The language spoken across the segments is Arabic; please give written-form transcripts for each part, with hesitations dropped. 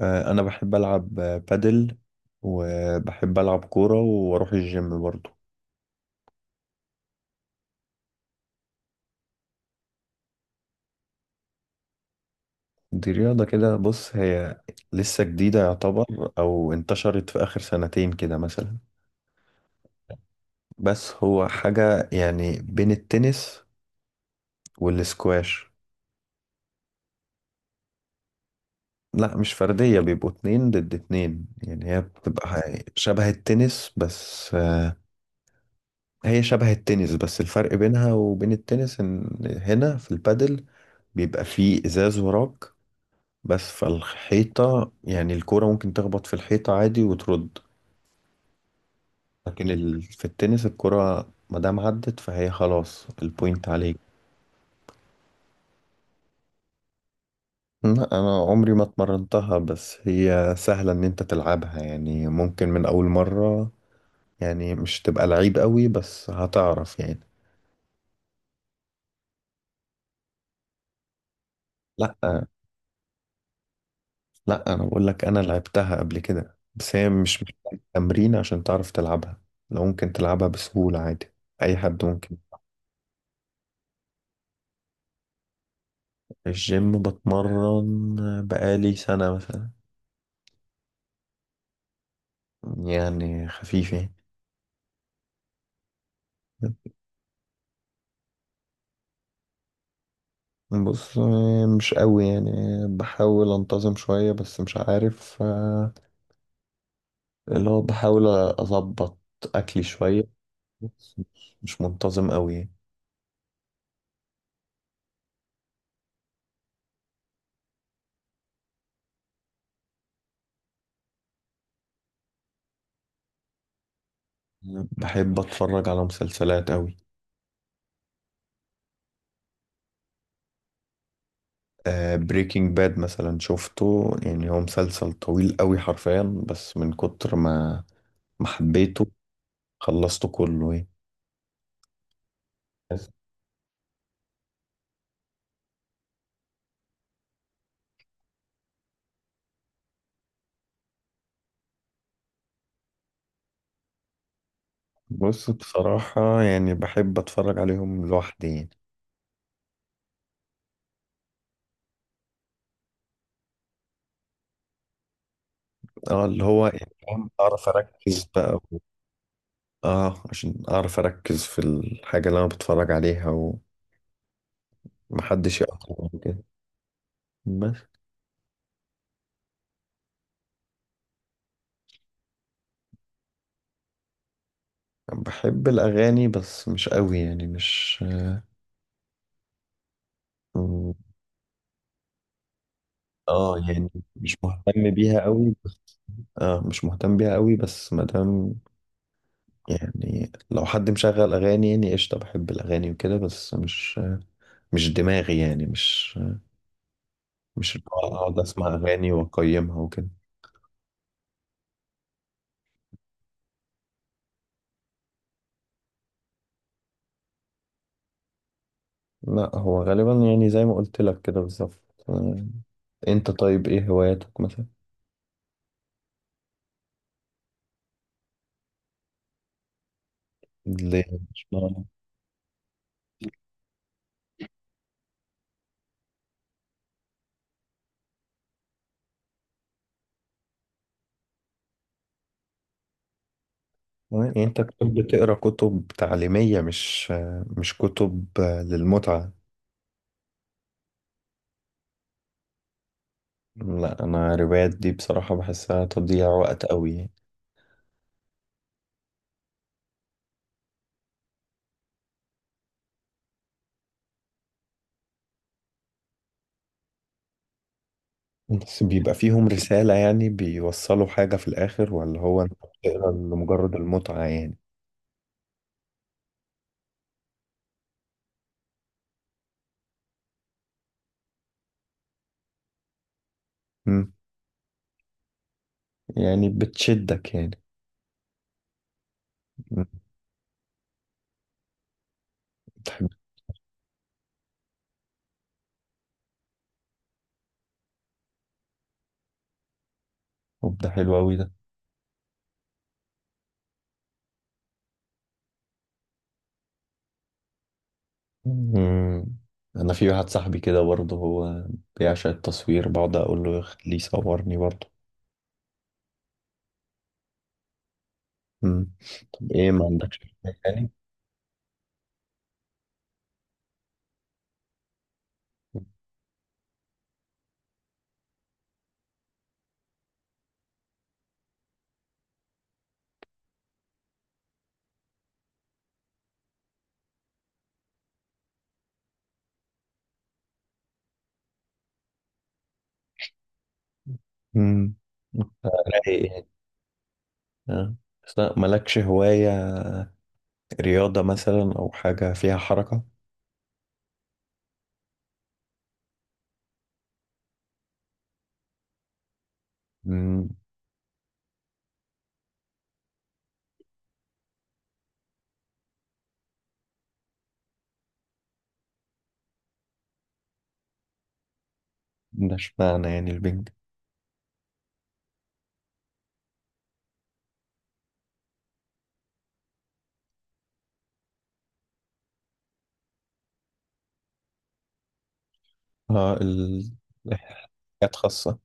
انا بحب العب بادل وبحب العب كورة واروح الجيم برضو. دي رياضة كده، بص هي لسه جديدة يعتبر، او انتشرت في اخر سنتين كده مثلا. بس هو حاجة يعني بين التنس والسكواش. لا مش فردية، بيبقوا اتنين ضد اتنين، يعني هي بتبقى شبه التنس بس هي شبه التنس، بس الفرق بينها وبين التنس ان هنا في البادل بيبقى فيه ازاز وراك بس فالحيطة، يعني الكرة ممكن تخبط في الحيطة عادي وترد. لكن في التنس الكرة مادام عدت فهي خلاص البوينت عليك. لا انا عمري ما اتمرنتها، بس هي سهلة ان انت تلعبها، يعني ممكن من اول مرة يعني مش تبقى لعيب قوي بس هتعرف يعني. لا لا، انا بقول لك انا لعبتها قبل كده، بس هي مش محتاجة تمرين عشان تعرف تلعبها. لو ممكن تلعبها بسهولة عادي، اي حد ممكن. في الجيم بتمرن بقالي سنة مثلا. يعني خفيف يعني. بص، مش قوي يعني، بحاول انتظم شوية بس مش عارف، اللي هو بحاول أظبط أكلي شوية، بس مش منتظم قوي. يعني بحب أتفرج على مسلسلات قوي. بريكنج باد مثلا شفته، يعني هو مسلسل طويل قوي حرفيا، بس من كتر ما حبيته خلصته كله. يعني بص، بصراحة يعني بحب أتفرج عليهم لوحدي يعني. اه اللي هو يعني فاهم، أعرف أركز بقى و- اه عشان أعرف أركز في الحاجة اللي أنا بتفرج عليها ومحدش يقطعني كده بس. بحب الأغاني بس مش قوي يعني مش. اه يعني مش مهتم بيها قوي بس. اه مش مهتم بيها قوي بس مادام، يعني لو حد مشغل أغاني يعني قشطة، بحب الأغاني وكده بس مش، مش دماغي، يعني مش، مش اللي هو اقعد اسمع اغاني واقيمها وكده. لا هو غالبا يعني زي ما قلت لك كده بالظبط. آه، انت طيب ايه هواياتك مثلا؟ ليه مش معنى. يعني انت كنت بتقرا كتب تعليمية، مش مش كتب للمتعة. لا انا روايات دي بصراحة بحسها تضييع وقت قوي يعني. بس بيبقى فيهم رسالة يعني بيوصلوا حاجة في الاخر، ولا هو انت بتقرا لمجرد المتعة يعني؟ مم. يعني بتشدك يعني. بتحب. طب ده حلو قوي ده. مم. انا في واحد صاحبي كده برضه، هو بيعشق التصوير، بقعد اقول له خليه يصورني برضه. مم. طب ايه ما عندكش هواية يعني؟ مم. رايق يعني. آه. بس لا، مالكش هواية رياضة مثلا او حاجة فيها حركة؟ مم. ده اشمعنى يعني البنج؟ اه حاجات خاصة.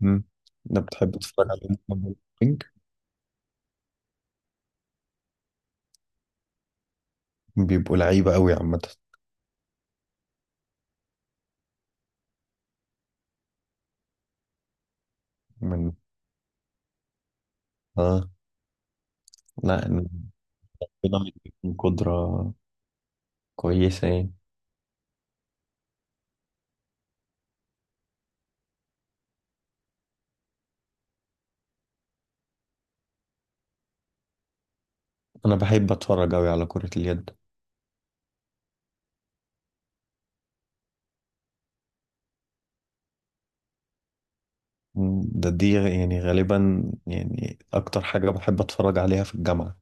مم. انا بتحب تتفرج على البنج؟ بيبقوا لعيبة قوي عامة. من اه. لا إن- ربنا مديهم قدرة كويسة يعني. انا بحب اتفرج اوي على كرة اليد. مم، ده دي يعني غالبا يعني اكتر حاجة بحب اتفرج عليها في الجامعة.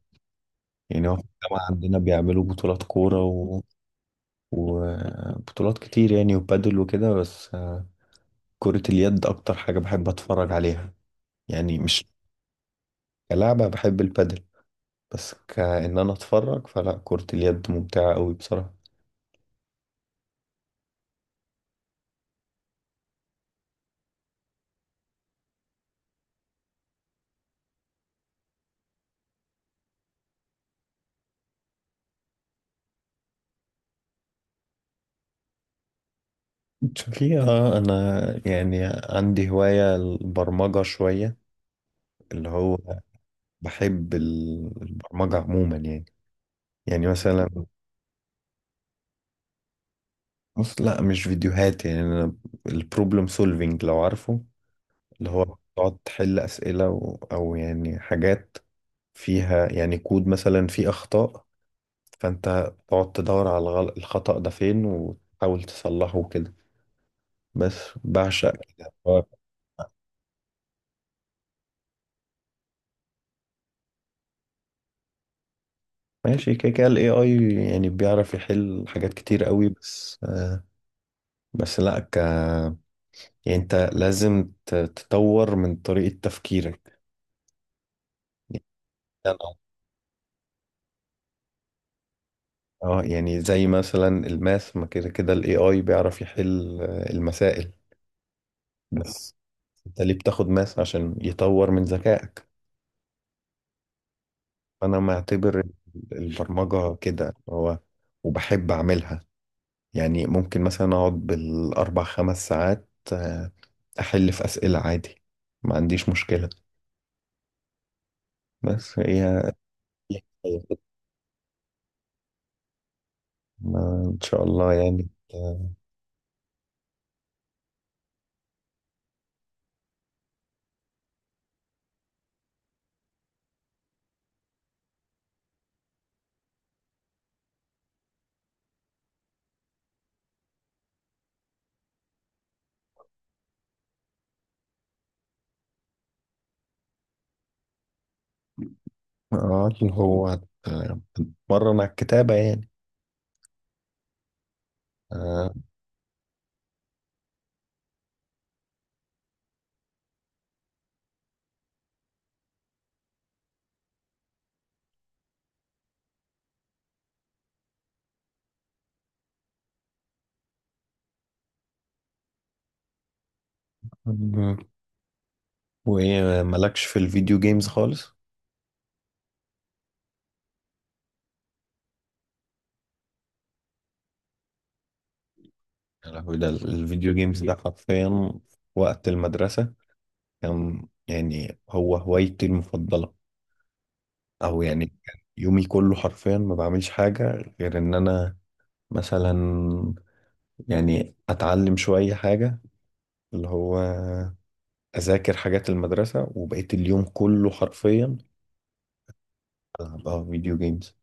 يعني هو في الجامعة عندنا بيعملوا بطولات كورة وبطولات كتير يعني وبادل وكده، بس كرة اليد اكتر حاجة بحب اتفرج عليها. يعني مش كلعبة، بحب البادل، بس كأن انا اتفرج فلا كرة اليد ممتعة اوي بصراحة. شوفي اه، انا يعني عندي هواية البرمجة شوية. اللي هو بحب البرمجة عموما يعني. يعني مثلا بص، لا مش فيديوهات، يعني أنا البروبلم سولفينج لو عارفه، اللي هو تقعد تحل أسئلة أو يعني حاجات فيها يعني كود مثلا فيه أخطاء، فأنت تقعد تدور على الخطأ ده فين وتحاول تصلحه كده بس. بعشق كده هو. ماشي، كده كده ال AI يعني بيعرف يحل حاجات كتير قوي، بس بس لا ك... يعني انت لازم تطور من طريقة تفكيرك يعني. اه يعني زي مثلا الماث، ما كده كده الاي اي بيعرف يحل، آه، المسائل بس. انت ليه بتاخد ماث؟ عشان يطور من ذكائك. انا معتبر البرمجة كده هو، وبحب اعملها. يعني ممكن مثلا اقعد بالاربع خمس ساعات، احل في اسئلة عادي، ما عنديش مشكلة بس هي. هي كده. ان شاء الله يعني. اه. اللي هو مرن على الكتابة يعني. آه، وايه مالكش في الفيديو جيمز خالص؟ يا لهوي، ده الفيديو جيمز ده حرفيا في وقت المدرسة كان يعني هو هوايتي المفضلة. او يعني كان يومي كله حرفيا ما بعملش حاجة غير ان انا مثلا، يعني اتعلم شوية حاجة، اللي هو اذاكر حاجات المدرسة، وبقيت اليوم كله حرفيا العب اه فيديو جيمز.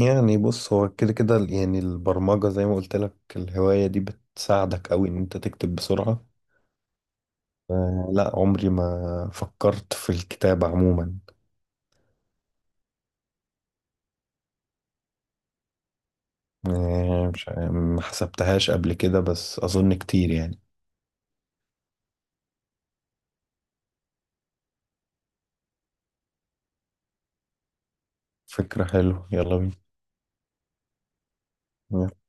يعني بص هو كده كده يعني البرمجة زي ما قلت لك، الهواية دي بتساعدك قوي ان انت تكتب بسرعة. لا عمري ما فكرت في الكتابة عموما. آه، مش ع- ما حسبتهاش قبل كده بس أظن كتير يعني. فكرة حلوة، يلا بينا.